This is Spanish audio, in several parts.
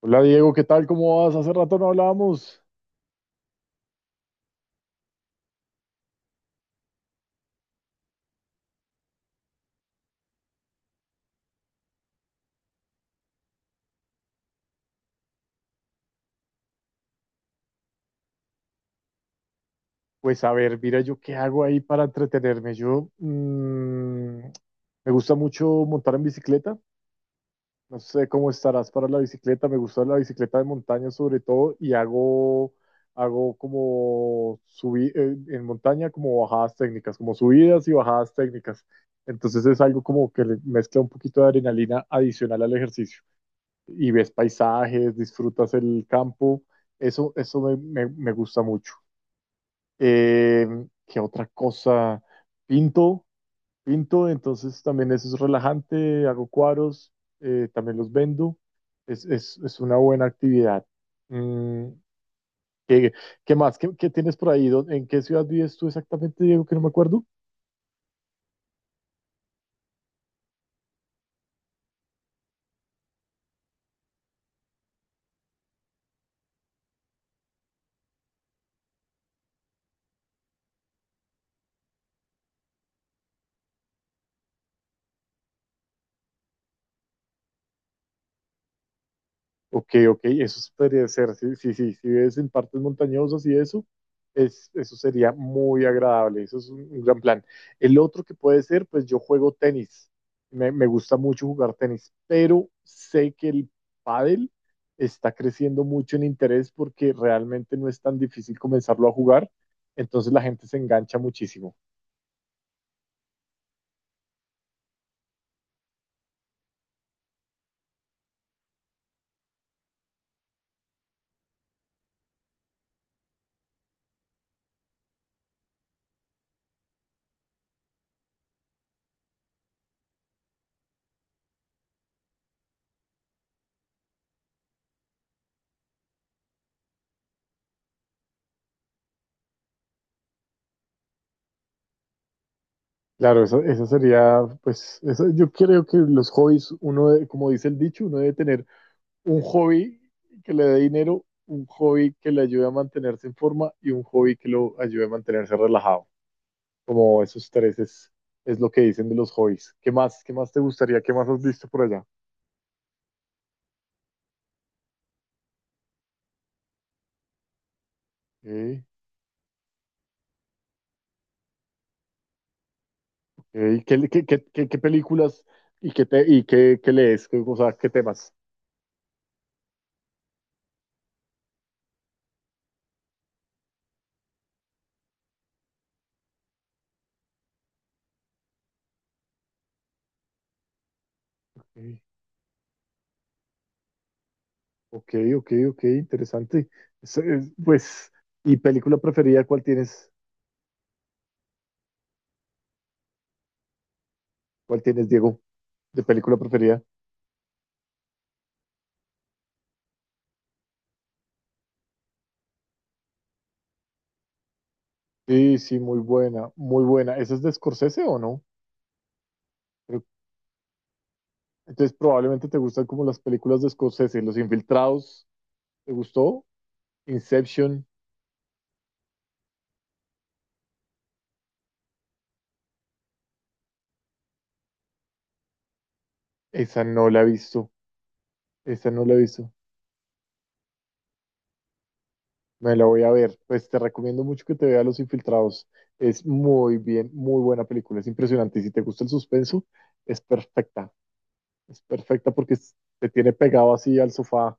Hola Diego, ¿qué tal? ¿Cómo vas? Hace rato no hablábamos. Pues a ver, mira, yo qué hago ahí para entretenerme. Yo me gusta mucho montar en bicicleta. No sé cómo estarás para la bicicleta. Me gusta la bicicleta de montaña sobre todo y hago como subir en montaña como bajadas técnicas, como subidas y bajadas técnicas. Entonces es algo como que le mezcla un poquito de adrenalina adicional al ejercicio. Y ves paisajes, disfrutas el campo. Eso me gusta mucho. Eh, ¿qué otra cosa? Pinto, pinto, entonces también eso es relajante, hago cuadros, también los vendo. Es una buena actividad. Mm, ¿qué, qué más? ¿Qué tienes por ahí? ¿En qué ciudad vives tú exactamente, Diego? Que no me acuerdo. Ok, ok, eso sí podría ser, sí, sí, sí, si ves en partes montañosas y eso, eso sería muy agradable, eso es un gran plan. El otro que puede ser, pues yo juego tenis, me gusta mucho jugar tenis, pero sé que el pádel está creciendo mucho en interés porque realmente no es tan difícil comenzarlo a jugar, entonces la gente se engancha muchísimo. Claro, eso sería, pues, eso, yo creo que los hobbies, uno, como dice el dicho, uno debe tener un hobby que le dé dinero, un hobby que le ayude a mantenerse en forma y un hobby que lo ayude a mantenerse relajado. Como esos tres es lo que dicen de los hobbies. Qué más te gustaría? ¿Qué más has visto por allá? Ok, ok. ¿Qué películas y qué lees? O sea, ¿qué temas? Ok, ok, ok, interesante. Pues, ¿y película preferida cuál tienes? ¿Cuál tienes, Diego? ¿De película preferida? Sí, sí, muy buena, muy buena. ¿Esa es de Scorsese o no? Pero, entonces probablemente te gustan como las películas de Scorsese, Los Infiltrados, ¿te gustó? Inception, esa no la he visto, esa no la he visto, me la voy a ver. Pues te recomiendo mucho que te veas Los Infiltrados, es muy bien, muy buena película, es impresionante. Y si te gusta el suspenso, es perfecta, es perfecta porque te tiene pegado así al sofá,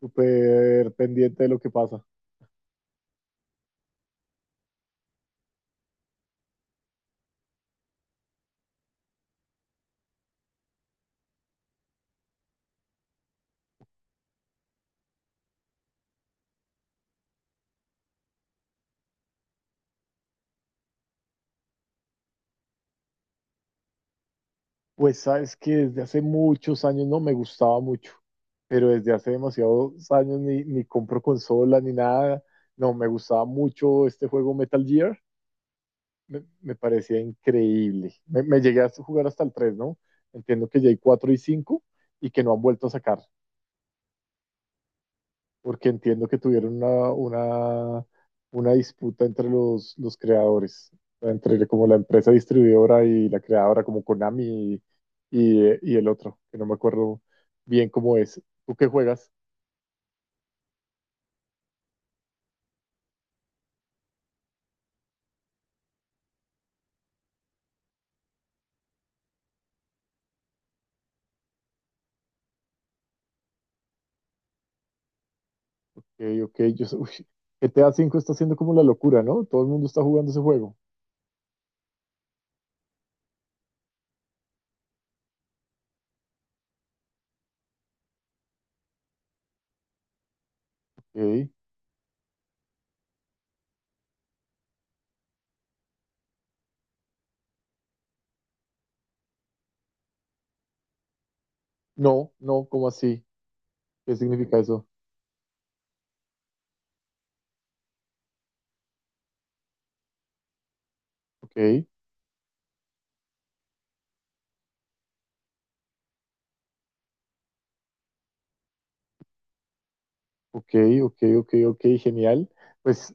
súper pendiente de lo que pasa. Pues sabes que desde hace muchos años no me gustaba mucho, pero desde hace demasiados años ni compro consola ni nada. No, me gustaba mucho este juego Metal Gear, me parecía increíble. Me llegué a jugar hasta el 3, ¿no? Entiendo que ya hay 4 y 5 y que no han vuelto a sacar. Porque entiendo que tuvieron una disputa entre los creadores, entre como la empresa distribuidora y la creadora, como Konami y el otro, que no me acuerdo bien cómo es. ¿Tú qué juegas? Ok, ok, Uy, GTA 5 está haciendo como la locura, ¿no? Todo el mundo está jugando ese juego. Ok. No, no, ¿cómo así? ¿Qué significa eso? Ok, ok, ok, ok, ok, genial. Pues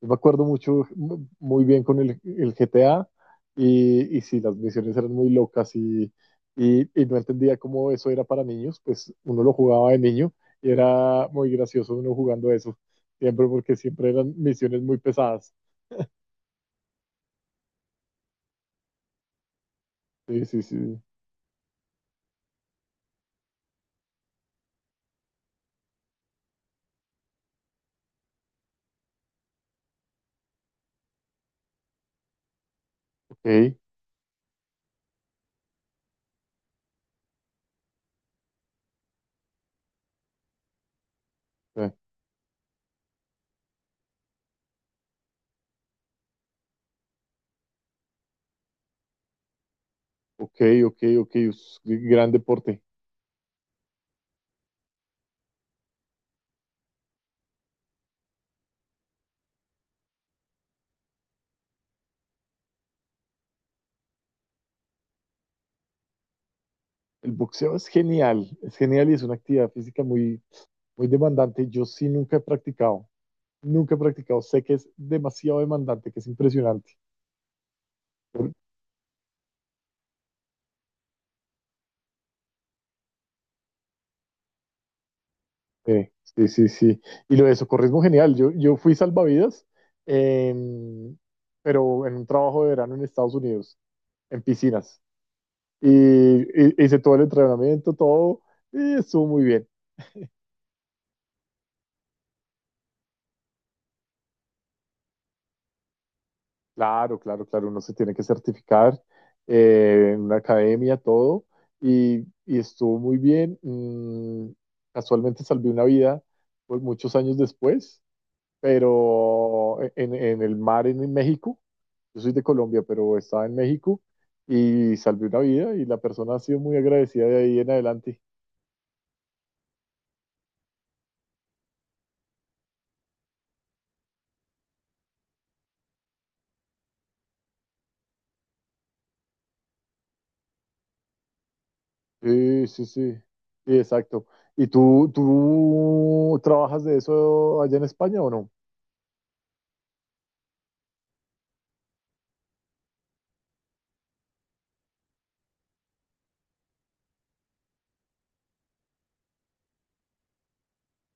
yo me acuerdo mucho, muy bien con el GTA y, sí, las misiones eran muy locas y, y no entendía cómo eso era para niños, pues uno lo jugaba de niño y era muy gracioso uno jugando eso, siempre porque siempre eran misiones muy pesadas. Sí, sí, sí, ok, ok, ok, ok, es un gran deporte. El boxeo es genial y es una actividad física muy, muy demandante. Yo sí nunca he practicado, nunca he practicado, sé que es demasiado demandante, que es impresionante. Sí, sí, sí, sí. Y lo de socorrismo, genial. Yo fui salvavidas, em, pero en un trabajo de verano en Estados Unidos, en piscinas. Y, Hice todo el entrenamiento, todo, y estuvo muy bien. Claro, claro, claro, uno se tiene que certificar en una academia, todo, y, y estuvo muy bien. Casualmente salvé una vida pues, muchos años después pero en el mar en México, yo soy de Colombia, pero estaba en México y salvé una vida y la persona ha sido muy agradecida de ahí en adelante. Sí, sí, sí, sí, exacto. ¿Y tú trabajas de eso allá en España o no?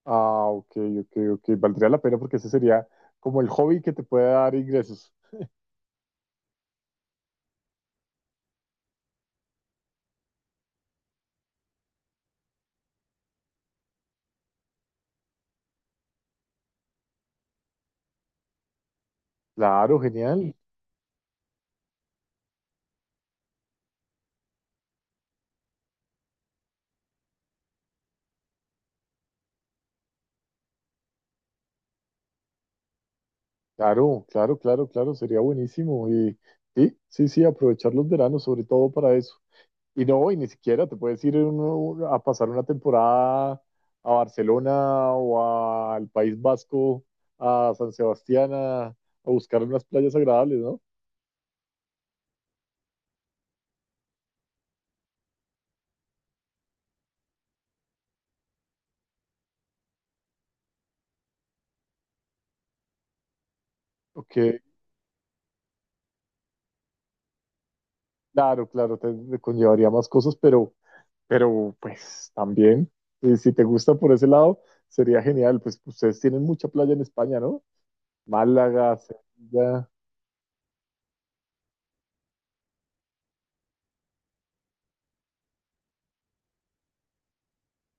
Ah, ok, ok, ok. Valdría la pena porque ese sería como el hobby que te puede dar ingresos. Claro, genial. Claro, claro, claro, claro. Sería buenísimo. Y sí, sí, sí, aprovechar los veranos sobre todo para eso. Y no, y ni siquiera te puedes ir uno a pasar una temporada a Barcelona o al País Vasco, a San Sebastián, a buscar unas playas agradables, ¿no? Ok, claro, claro, te conllevaría más cosas, pero pues también, si te gusta por ese lado, sería genial. Pues ustedes tienen mucha playa en España, ¿no? Málaga, Sevilla.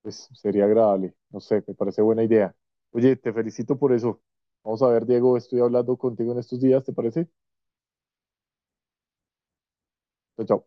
Pues sería agradable. No sé, me parece buena idea. Oye, te felicito por eso. Vamos a ver, Diego, estoy hablando contigo en estos días, ¿te parece? Chao, chao.